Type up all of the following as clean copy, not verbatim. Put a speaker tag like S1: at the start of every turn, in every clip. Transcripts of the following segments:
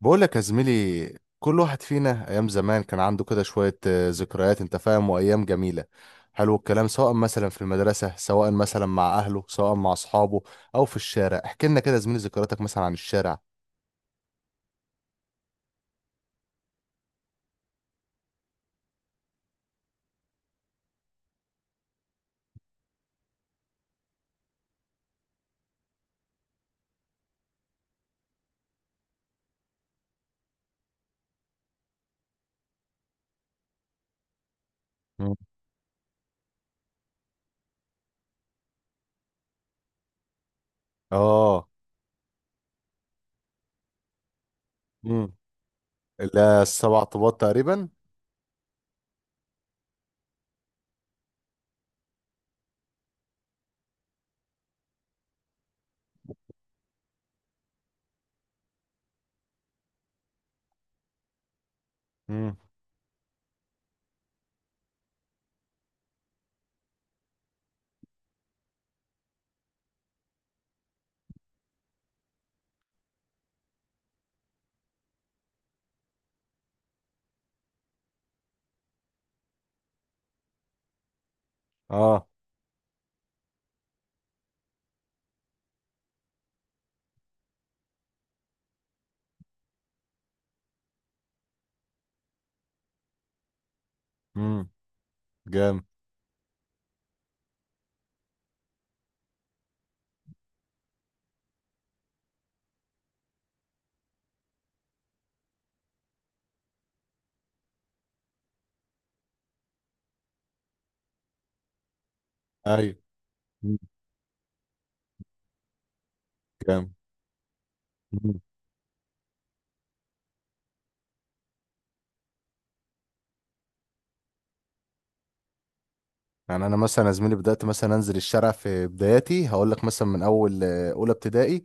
S1: بقول لك يا زميلي، كل واحد فينا ايام زمان كان عنده كده شوية ذكريات، انت فاهم، وايام جميلة. حلو الكلام، سواء مثلا في المدرسة، سواء مثلا مع اهله، سواء مع اصحابه او في الشارع. احكي لنا كده يا زميلي ذكرياتك مثلا عن الشارع. مم. اه. مم. لا، السبع طوبات تقريبا. مم. اه. امم. جام. ايوه. مم. جام. مم. يعني انا مثلا يا زميلي بدأت مثلا انزل الشارع في بداياتي، هقول لك مثلا من اول اولى ابتدائي.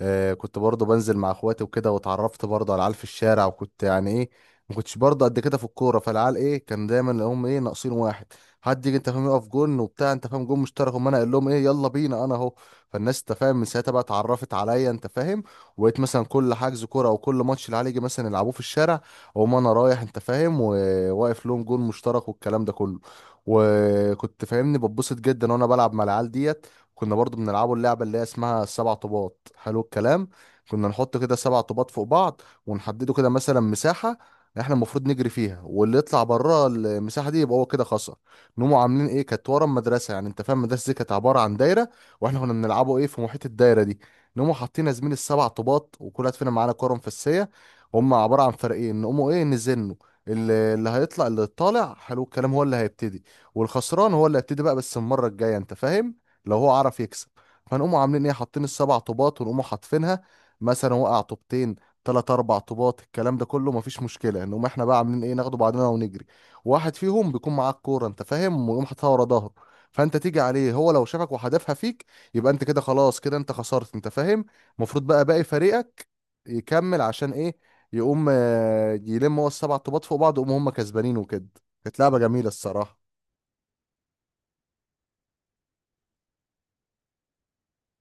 S1: كنت برضه بنزل مع اخواتي وكده، واتعرفت برضه على العيال في الشارع، وكنت يعني ايه، ما كنتش برضه قد كده في الكوره. فالعيال ايه، كان دايما لهم ايه، ناقصين واحد، حد يجي، انت فاهم، يقف جون وبتاع، انت فاهم، جون مشترك. وما انا اقول لهم ايه، يلا بينا انا اهو. فالناس، انت فاهم، من ساعتها بقى اتعرفت عليا، انت فاهم. وبقيت مثلا كل حجز كوره او كل ماتش العيال يجي مثلا يلعبوه في الشارع، اقوم انا رايح، انت فاهم، وواقف لهم جون مشترك، والكلام ده كله. وكنت، فاهمني، بتبسط جدا وانا بلعب مع العيال ديت. كنا برضو بنلعبوا اللعبة اللي هي اسمها السبع طوبات. حلو الكلام، كنا نحط كده سبع طوبات فوق بعض، ونحدده كده مثلا مساحة احنا المفروض نجري فيها، واللي يطلع بره المساحة دي يبقى هو كده خسر. نقوموا عاملين ايه، كانت ورا المدرسة، يعني انت فاهم المدرسة دي كانت عبارة عن دايرة، واحنا كنا بنلعبوا ايه في محيط الدايرة دي. نقوموا حاطين يا زميلي السبع طوبات، وكل واحد فينا معانا كورة مفسية، هم عبارة عن فريقين. نقوموا ايه، نزنوا، اللي هيطلع، اللي طالع حلو الكلام هو اللي هيبتدي، والخسران هو اللي هيبتدي بقى بس المرة الجاية، انت فاهم، لو هو عرف يكسب. فنقوموا عاملين ايه، حاطين السبع طوبات، ونقوموا حاطفينها. مثلا وقع طوبتين، تلات اربع طوبات، الكلام ده كله مفيش مشكله. نقوم احنا بقى عاملين ايه، ناخده بعضنا ونجري. واحد فيهم بيكون معاه الكوره، انت فاهم، ويقوم حاططها ورا ظهره. فانت تيجي عليه، هو لو شافك وحدفها فيك، يبقى انت كده خلاص، كده انت خسرت، انت فاهم. المفروض بقى باقي فريقك يكمل، عشان ايه، يقوم يلم هو السبع طوبات فوق بعض ويقوم هم كسبانين وكده. كانت لعبه جميله الصراحه.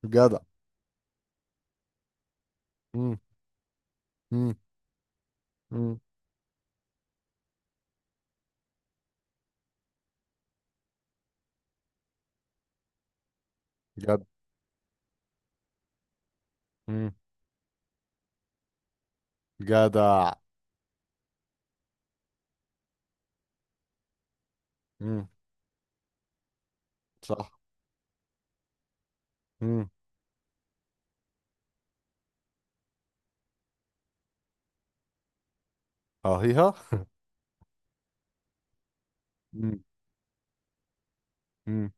S1: جدع. امم. امم. امم. جدع. جدع. امم. صح. امم. اهيها. امم. امم.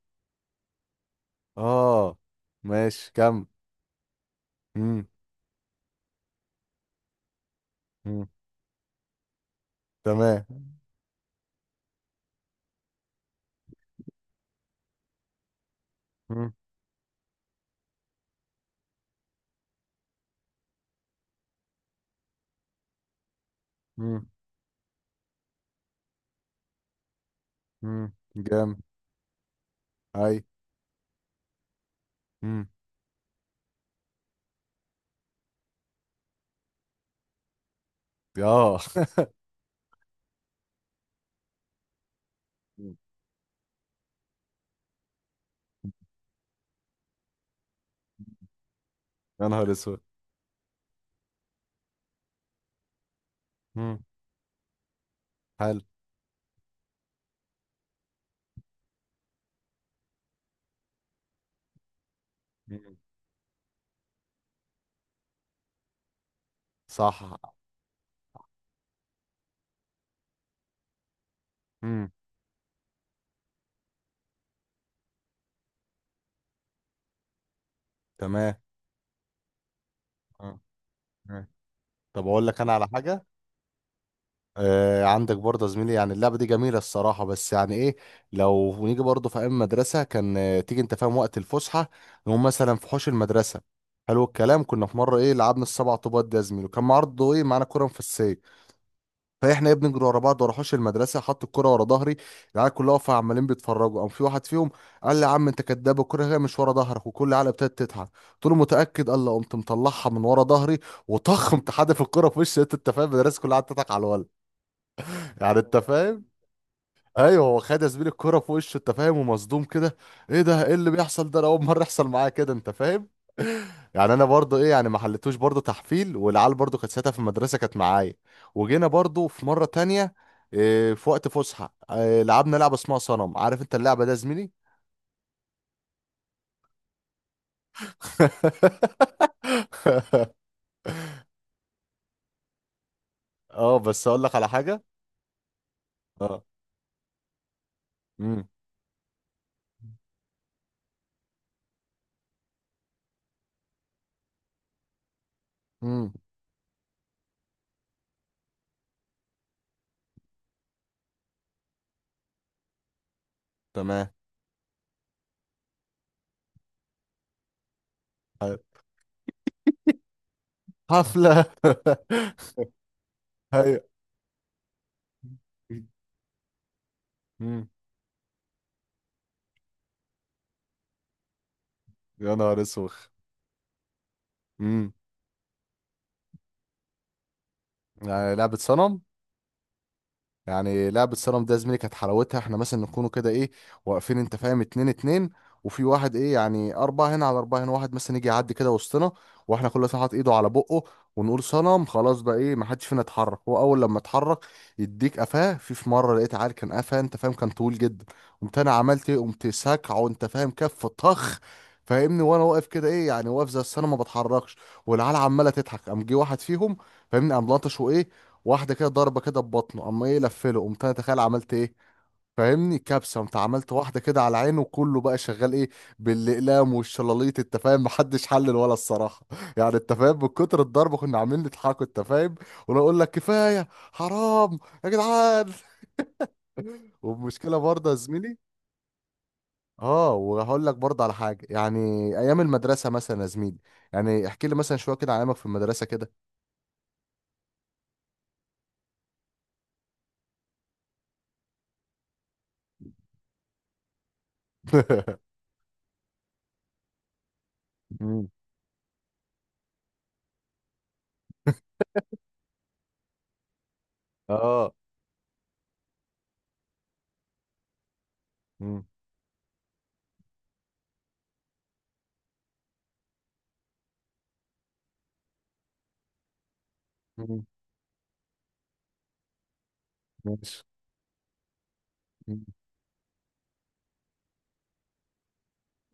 S1: اه. ماشي كم. امم. امم. تمام. امم. امم. امم. جامد. اي. امم. اه. مم. يا نهار اسود. امم. حلو. مم. صح. امم. تمام. آه. آه. طب اقول لك انا على حاجة. عندك برضه يا زميلي، يعني اللعبة دي جميلة الصراحة، بس يعني ايه، لو نيجي برضه في ايام مدرسة، كان تيجي، انت فاهم، وقت الفسحة، نقوم مثلا في حوش المدرسة. حلو الكلام، كنا في مرة ايه لعبنا السبع طوبات ده يا زميلي، وكان برضه ايه معانا كورة مفسية. فاحنا ايه بنجري ورا بعض ورا حوش المدرسة، حط الكورة ورا ظهري، العيال كلها واقفة عمالين بيتفرجوا. قام في واحد فيهم قال لي يا عم انت كداب، الكورة هي مش ورا ظهرك. وكل العيال ابتدت تضحك. قلت له متأكد؟ قال لي، قمت مطلعها من ورا ظهري وطخ قمت حادف الكورة في وش، انت فاهم، المدرسة كلها قعدت تضحك على الولد، يعني انت فاهم. ايوه، هو خد يا زميلي الكرة في وشه، انت فاهم، ومصدوم كده. ايه ده، ايه اللي بيحصل ده، انا اول مره يحصل معايا كده، انت فاهم. يعني انا برضو ايه، يعني ما حلتوش برضو تحفيل. والعيال برضو كانت ساعتها في المدرسه كانت معايا. وجينا برضو في مره تانية، في وقت فسحه، لعبنا لعبه اسمها صنم. عارف انت اللعبه ده يا زميلي؟ اه، بس اقول لك على حاجه. اه. امم. امم. تمام. حلو. حفله. ايوه. امم. يا نهار اسوخ. يعني لعبة صنم، يعني لعبة صنم ده يا زميلي كانت حلاوتها احنا مثلا نكونوا كده ايه، واقفين، انت فاهم، اتنين اتنين، وفي واحد ايه يعني، أربعة هنا على أربعة هنا، واحد مثلا يجي يعدي كده وسطنا واحنا كل واحد حاطط ايده على بقه، ونقول صنم. خلاص بقى ايه، ما حدش فينا يتحرك. هو أول لما اتحرك يديك قفاه. في مرة لقيت عيل كان قفاه، انت فاهم، كان طويل جدا، قمت أنا عملت ايه، قمت ساكعه، انت فاهم، كف طخ، فاهمني، وانا واقف كده ايه، يعني واقف زي الصنم ما بتحركش. والعيال عماله تضحك. قام جه واحد فيهم، فاهمني، قام لطشه ايه واحده كده، ضربه كده ببطنه، اما ايه لفله، قمت انا تخيل عملت ايه، فاهمني، كبسه، قمت عملت واحده كده على عينه، وكله بقى شغال ايه بالاقلام والشلاليط، انت فاهم، محدش حلل ولا الصراحه. يعني انت فاهم من كتر الضربه كنا عاملين نضحكوا، انت فاهم. وانا اقول لك كفايه حرام يا جدعان. والمشكله برضه يا زميلي، اه، وهقول لك برضه على حاجه، يعني ايام المدرسه مثلا يا زميلي، يعني احكي لي مثلا شويه كده عن ايامك في المدرسه كده. مم. اه. مم. مم. ماشي.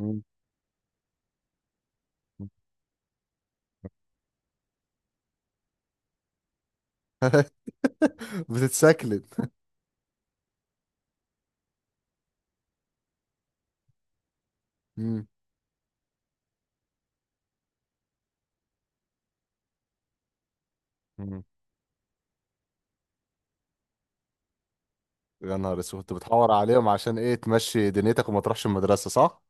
S1: مم. بتتسكلت. مم. مم. يا نهار اسود، كنت بتحور عليهم عشان ايه تمشي دنيتك وما تروحش المدرسة، صح؟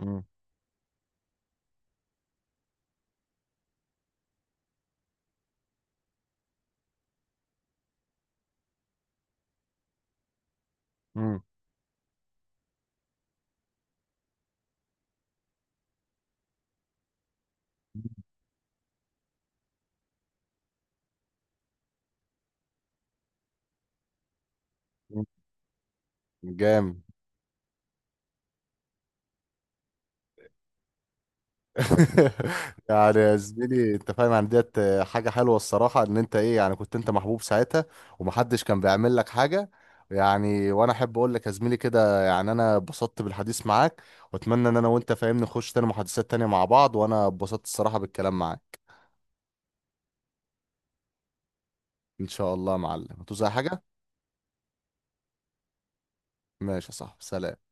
S1: مم. مم. مم. جامد. يعني يا زميلي، انت فاهم، يعني ديت حاجة حلوة الصراحة، ان انت ايه، يعني كنت انت محبوب ساعتها ومحدش كان بيعمل لك حاجة. يعني وانا احب اقول لك يا زميلي كده، يعني انا اتبسطت بالحديث معاك، واتمنى ان انا وانت، فاهمني، نخش تاني محادثات تانية مع بعض، وانا اتبسطت الصراحة بالكلام معاك. ان شاء الله يا معلم، هتوزع حاجة. ماشي، صح، سلام.